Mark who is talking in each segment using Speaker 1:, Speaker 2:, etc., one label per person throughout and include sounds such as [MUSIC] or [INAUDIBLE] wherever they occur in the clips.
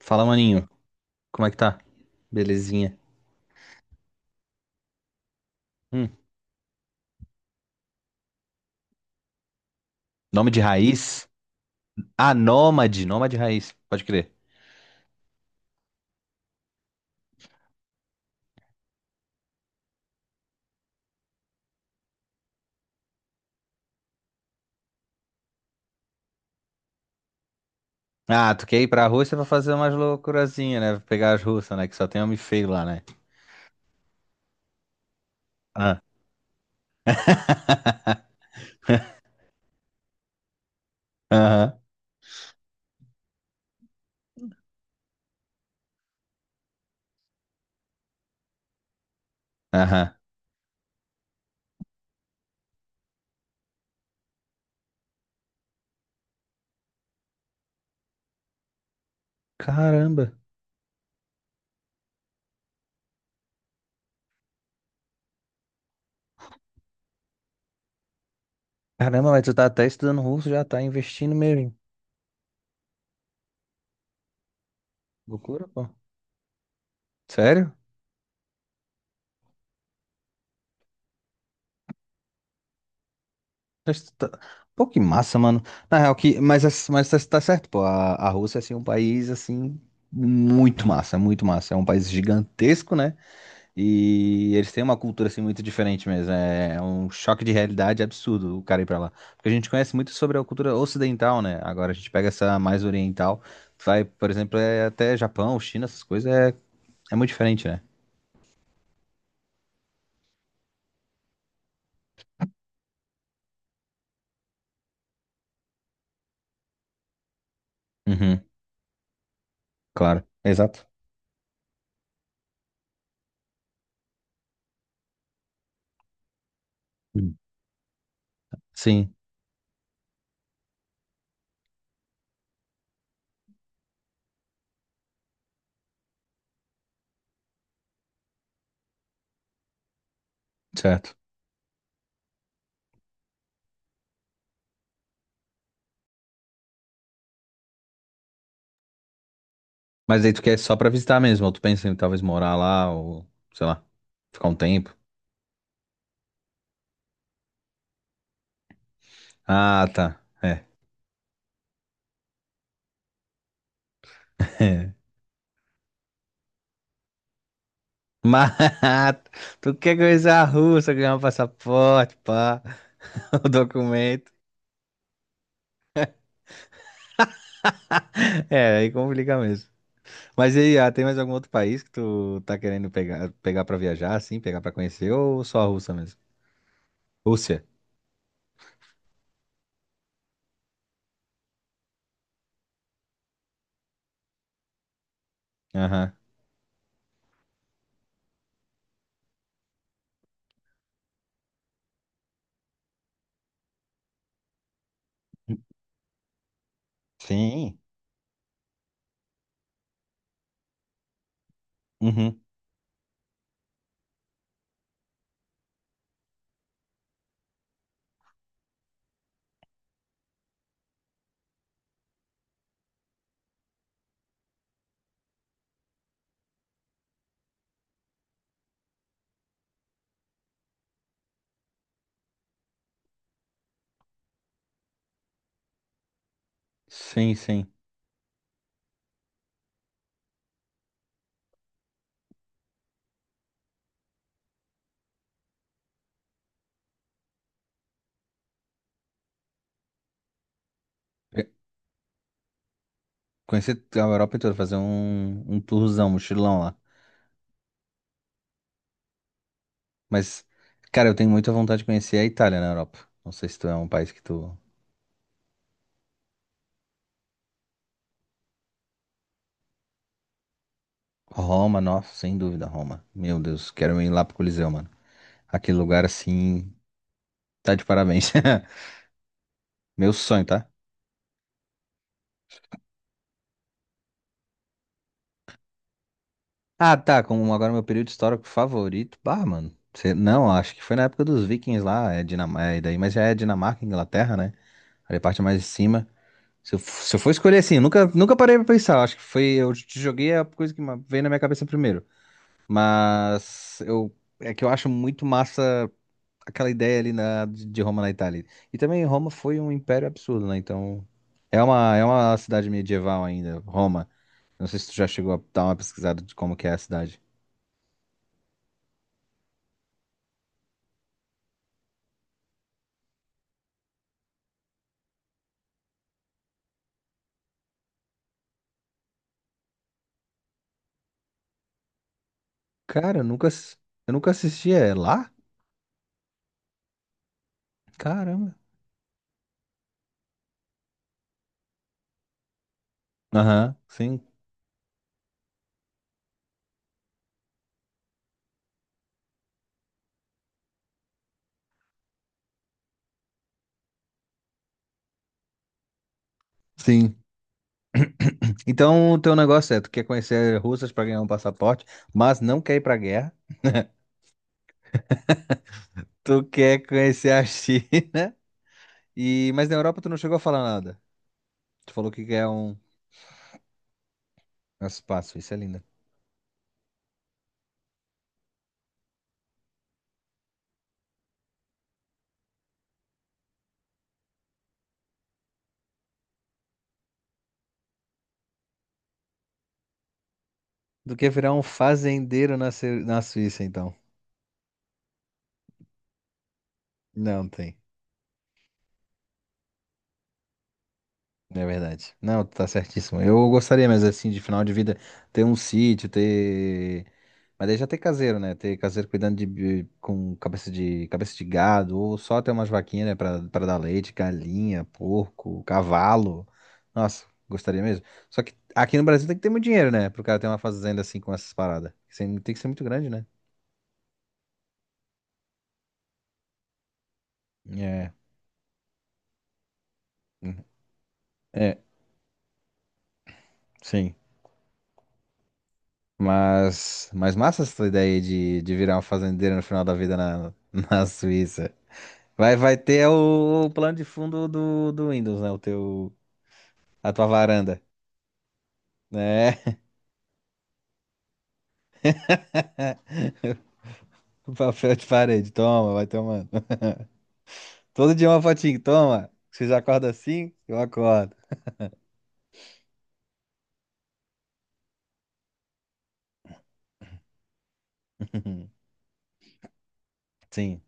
Speaker 1: Fala, maninho. Como é que tá? Belezinha. Hum, nome de raiz? Ah, Nômade. Nômade raiz. Pode crer. Ah, tu quer ir pra Rússia pra fazer umas loucurazinhas, né? Pegar as russas, né? Que só tem homem feio lá, né? Ah. [LAUGHS] Aham. Aham. Caramba. Caramba, mas tu tá até estudando russo, já tá investindo mesmo. Loucura, pô. Sério? Mas tu tá- Pô, que massa, mano. Na real, mas tá certo, pô. A Rússia, assim, é um país, assim, muito massa, muito massa. É um país gigantesco, né? E eles têm uma cultura, assim, muito diferente mesmo. É um choque de realidade absurdo o cara ir pra lá. Porque a gente conhece muito sobre a cultura ocidental, né? Agora a gente pega essa mais oriental, vai, por exemplo, é até Japão, China, essas coisas, é, é muito diferente, né? Uhum, claro. Exato. Hum. Sim, certo. Mas daí tu quer só pra visitar mesmo, ou tu pensa em talvez morar lá, ou sei lá, ficar um tempo. Ah, tá. É. [LAUGHS] Mas tu quer coisa russa, ganhar um passaporte, pá, [LAUGHS] o documento. É, aí complica mesmo. Mas e aí, ah, tem mais algum outro país que tu tá querendo pegar, pegar pra viajar, assim, pegar pra conhecer, ou só a Rússia mesmo? Rússia. Aham. Sim. Uhum. Sim, sim. Pe- Conhecer a Europa toda, fazer um tourzão, mochilão lá. Mas, cara, eu tenho muita vontade de conhecer a Itália na Europa. Não sei se tu é um país que tu. Roma, nossa, sem dúvida, Roma. Meu Deus, quero ir lá pro Coliseu, mano. Aquele lugar assim, tá de parabéns. [LAUGHS] Meu sonho, tá? Ah, tá, como agora meu período histórico favorito. Bah, mano. Não, acho que foi na época dos Vikings lá, é Dinamarca, é daí, mas já é Dinamarca, Inglaterra, né? Ali a parte mais de cima. Se eu for escolher assim, eu nunca, nunca parei pra pensar. Acho que foi. Eu te joguei a coisa veio na minha cabeça primeiro. Mas eu é que eu acho muito massa aquela ideia ali na, de Roma na Itália. E também Roma foi um império absurdo, né? Então é uma cidade medieval ainda, Roma. Não sei se tu já chegou a dar uma pesquisada de como que é a cidade. Cara, eu nunca, ass- Eu nunca assisti. É lá? Caramba. Aham, sim. Sim. Então o teu negócio é, tu quer conhecer russas pra ganhar um passaporte, mas não quer ir pra guerra. Tu quer conhecer a [LAUGHS] China. E, mas na Europa tu não chegou a falar nada. Tu falou que é um. Nossa, pá, a Suíça é linda. Do que virar um fazendeiro na, na Suíça, então. Não tem. É verdade. Não, tu tá certíssimo. Eu gostaria, mas assim, de final de vida, ter um sítio, ter. Mas daí já ter caseiro, né? Ter caseiro cuidando de, com cabeça de gado, ou só ter umas vaquinhas, né? Pra, pra dar leite, galinha, porco, cavalo. Nossa, gostaria mesmo. Só que aqui no Brasil tem que ter muito dinheiro, né? Pro cara ter uma fazenda assim com essas paradas. Tem que ser muito grande, né? É. Uhum. É, sim. Mas massa essa ideia de virar um fazendeiro no final da vida na, [LAUGHS] na Suíça. Vai, vai ter o plano de fundo do Windows, né? O teu, a tua varanda, né? [LAUGHS] O papel de parede, toma, vai tomando. Todo dia uma fotinho, toma. Você já acorda assim? Eu acordo. [LAUGHS] Sim,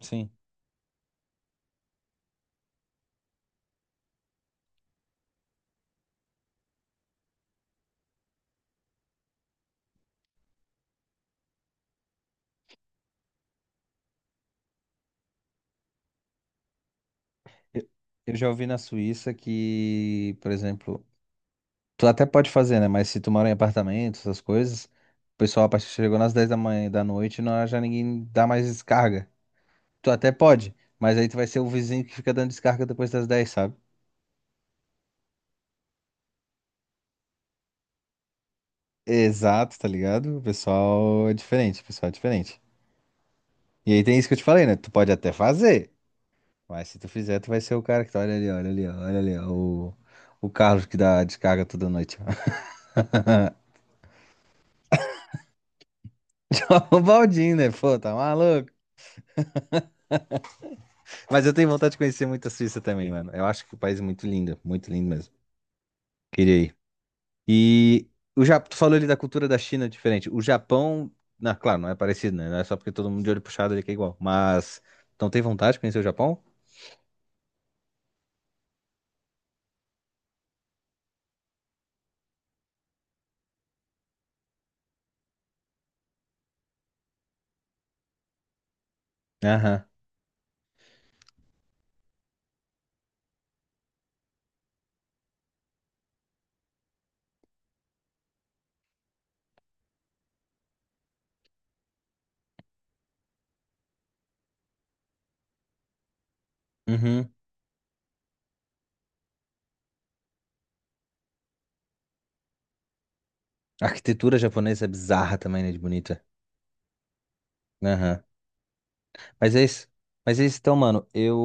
Speaker 1: sim. Eu, eu já ouvi na Suíça que, por exemplo, tu até pode fazer, né? Mas se tu mora em apartamento, essas coisas, o pessoal a partir chegou nas 10 da manhã e da noite, não, já ninguém dá mais descarga. Tu até pode, mas aí tu vai ser o vizinho que fica dando descarga depois das 10, sabe? Exato, tá ligado? O pessoal é diferente, o pessoal é diferente. E aí tem isso que eu te falei, né? Tu pode até fazer, mas se tu fizer, tu vai ser o cara que tá, olha ali, ó, o Carlos que dá descarga toda noite. [LAUGHS] O Baldinho, né? Pô, tá maluco. Mas eu tenho vontade de conhecer muito a Suíça também, mano. Eu acho que o país é muito lindo mesmo. Queria ir. E o Japão, tu falou ali da cultura da China diferente. O Japão, na claro, não é parecido, né? Não é só porque todo mundo de olho puxado ali que é igual. Mas, então tem vontade de conhecer o Japão? Aham. Uhum. A arquitetura japonesa é bizarra também, né? De bonita. Aham. Mas é isso. Mas é isso então, mano.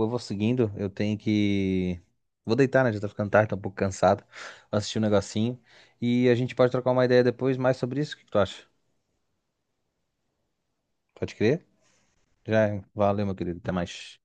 Speaker 1: Eu vou seguindo. Eu tenho que. Vou deitar, né? Já tá ficando tarde, tô um pouco cansado. Vou assistir um negocinho. E a gente pode trocar uma ideia depois mais sobre isso. O que que tu acha? Pode crer? Já, valeu, meu querido. Até mais.